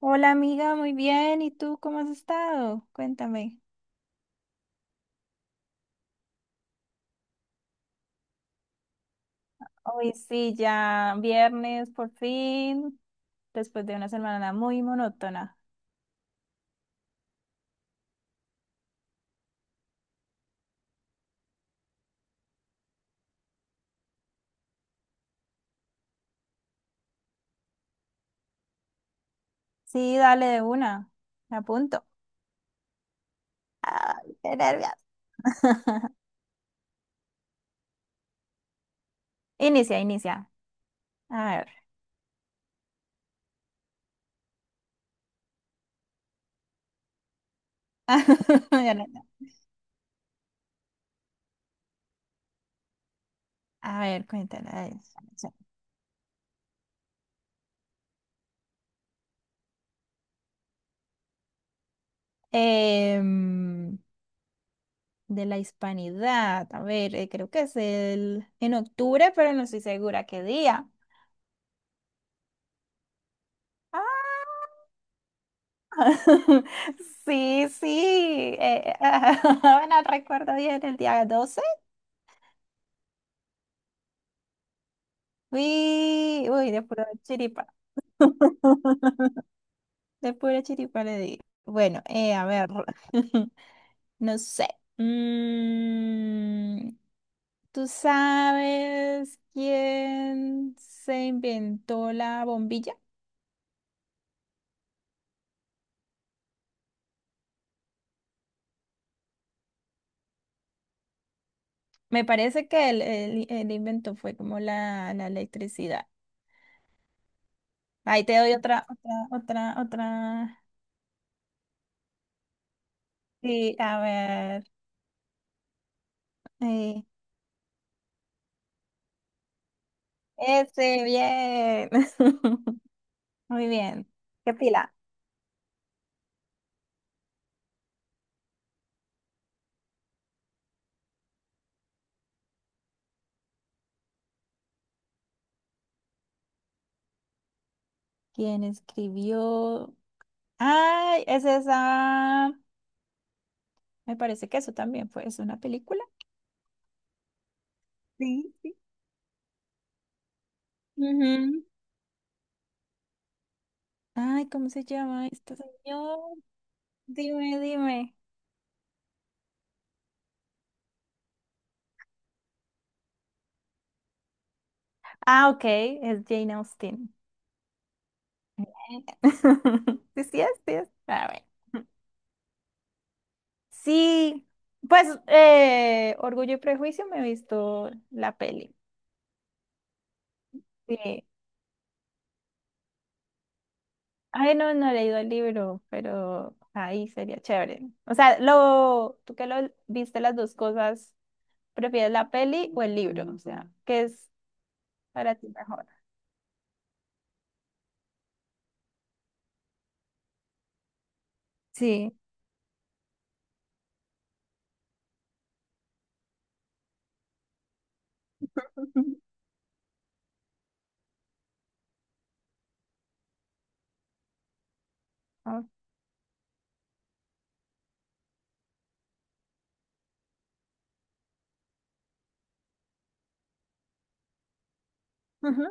Hola amiga, muy bien. ¿Y tú cómo has estado? Cuéntame. Hoy sí, ya viernes por fin, después de una semana muy monótona. Sí, dale de una. Me apunto. Ay, qué nervios. Inicia, inicia. A ver. Ya no. A ver, cuéntala. A ver, Em, de la hispanidad. A ver, creo que es el en octubre, pero no estoy segura qué día. ¡Ah! Sí, sí. Bueno, recuerdo bien el día 12. Uy, uy, de pura chiripa. De pura chiripa le di. Bueno, a ver. No sé. Mm, ¿Tú sabes quién se inventó la bombilla? Me parece que el invento fue como la electricidad. Ahí te doy otra, otra, otra, otra. Sí, a ver. eh, Ese, bien. Muy bien. ¿Qué pila? ¿Quién escribió? Ay, es esa. Me parece que eso también fue. ¿Es una película? Sí, sí. Ujú. Ay, ¿cómo se llama esta señor? Dime, dime. Ah, ok, es Jane Austen. Sí, sí es, sí es. Ah, bueno. Sí, pues Orgullo y Prejuicio me he visto la peli. Sí. Ay, no, no he leído el libro, pero ahí sería chévere. O sea, lo, tú que lo viste las dos cosas, ¿prefieres la peli o el libro? O sea, ¿qué es para ti mejor? Sí. Ujú. Ah, ujú.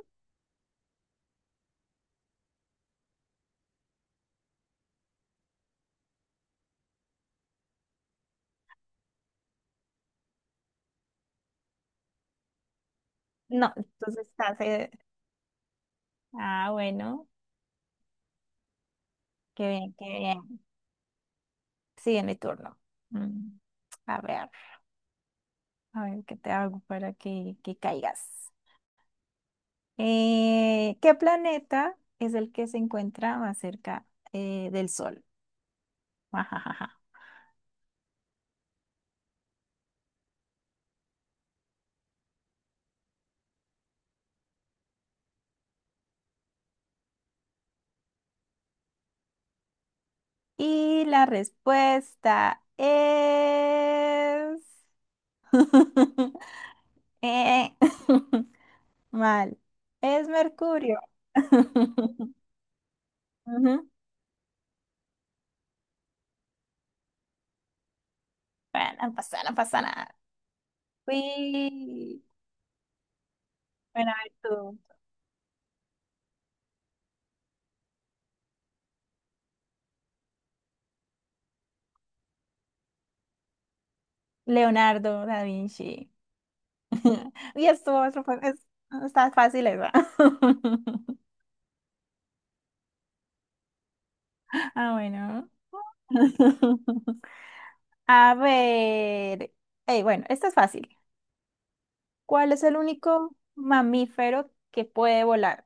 No, entonces estás. Ah, bueno, qué bien, qué bien. Sí en mi turno. Mm, A ver, a ver qué te hago para que caigas. ¿Qué planeta es el que se encuentra más cerca del Sol? Y la respuesta es... Eh, Mal. Es Mercurio. Ujú. Bueno, no pasa, no pasa nada. Uy. Bueno, a ver tú. Leonardo da Vinci. Y esto es, está fácil eso. Ah, bueno. A ver. Ey, bueno, esto es fácil. ¿Cuál es el único mamífero que puede volar?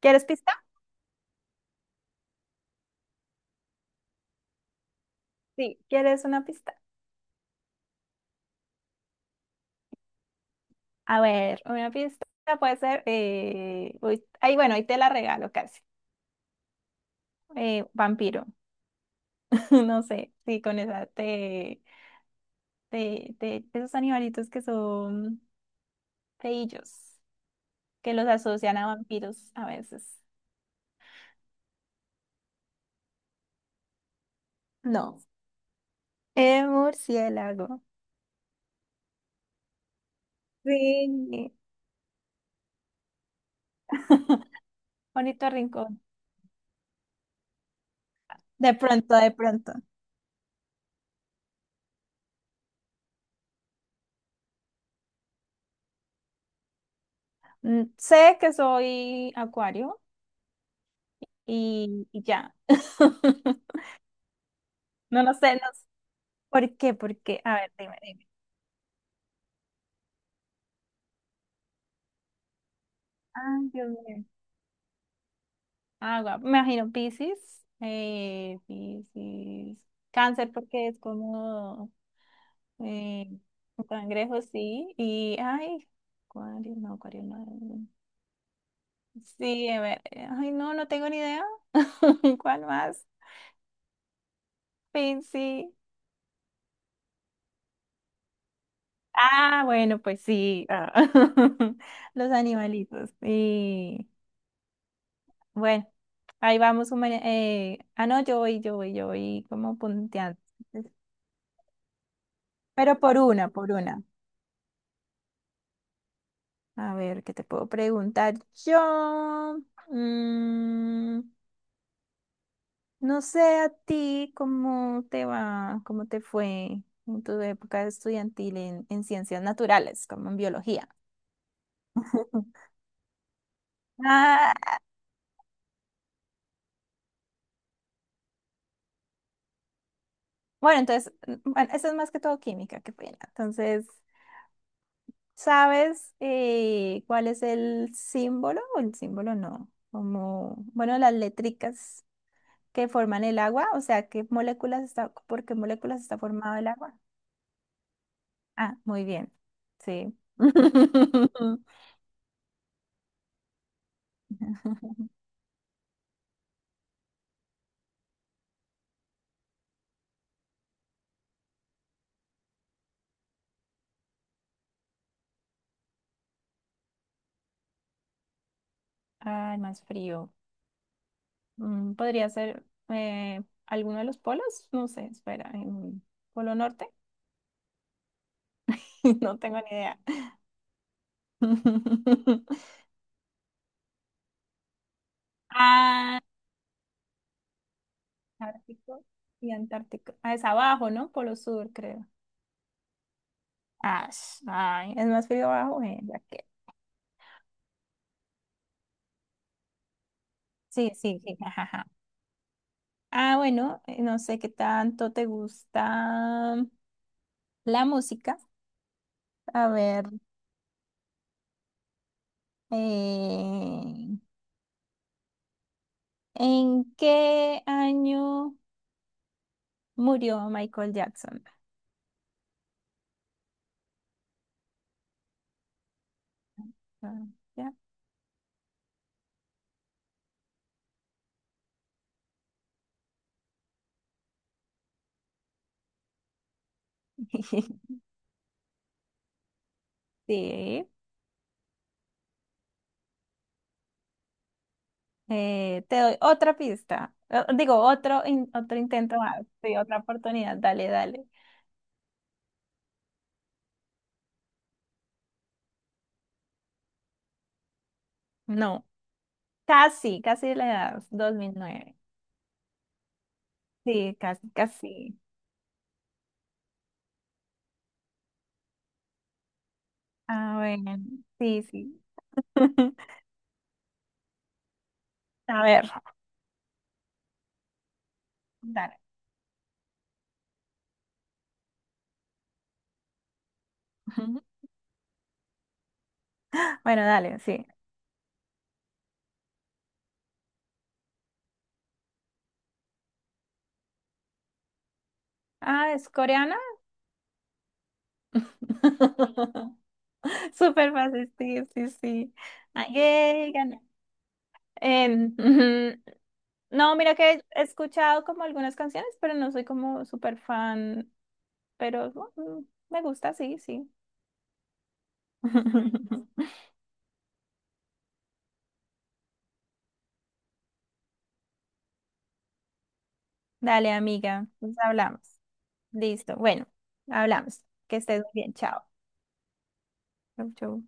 ¿Quieres pista? Sí, ¿quieres una pista? A ver, una pista puede ser, uy, ay, bueno, ahí te la regalo casi. Vampiro, no sé, sí, con esa esos animalitos que son feillos, que los asocian a vampiros a veces. No, murciélago. Sí. Bonito rincón. De pronto, de pronto. Sé que soy acuario, y ya. No, no sé, no sé. ¿Por qué? ¿Por qué? A ver, dime, dime. Ay, Dios mío. Agua, me imagino Piscis, Piscis, cáncer porque es como eh, un cangrejo, sí, y ay, acuario, no, acuario no. Sí, a ver, ay, no, no tengo ni idea. ¿Cuál más? Piscis. Ah, bueno, pues sí, ah, Los animalitos, sí. Bueno. Ahí vamos, no, yo voy, yo voy, yo voy como punteando. Pero por una, por una. A ver, ¿qué te puedo preguntar yo? Mm, no sé a ti cómo te va, cómo te fue en tu época estudiantil en ciencias naturales, como en biología. Ah, bueno, entonces, bueno, eso es más que todo química, qué pena. Entonces, ¿sabes cuál es el símbolo? O el símbolo no, como, bueno, las letricas que forman el agua, o sea, ¿qué moléculas está, por qué moléculas está formado el agua? Ah, muy bien, sí. Ay, más frío. Podría ser eh, alguno de los polos, no sé, espera, ¿Polo Norte? No tengo ni idea. Ah, Ártico y Antártico. Ah, es abajo, ¿no? Polo Sur, creo. Ah, ay, es más frío abajo, bueno, ya que. Sí, sí, sí, jajaja. Ah, bueno, no sé qué tanto te gusta la música. A ver, eh, ¿en qué año murió Michael Jackson? Ah, ya. Sí, te doy otra pista. Digo, otro intento más. Sí, otra oportunidad. Dale, dale. No, casi, casi le das 2009. Sí, casi, casi. A ver, sí, sí. A ver, dale. Bueno, dale, sí. Ah, ¿es coreana? Súper fácil, sí, sí, sí. Ah, yay, gané. Ujú. No, mira que he escuchado como algunas canciones, pero no soy como súper fan, pero bueno, me gusta, sí, sí. Dale, amiga, pues hablamos. Listo, bueno, hablamos. Que estés muy bien, chao. Chau, chau.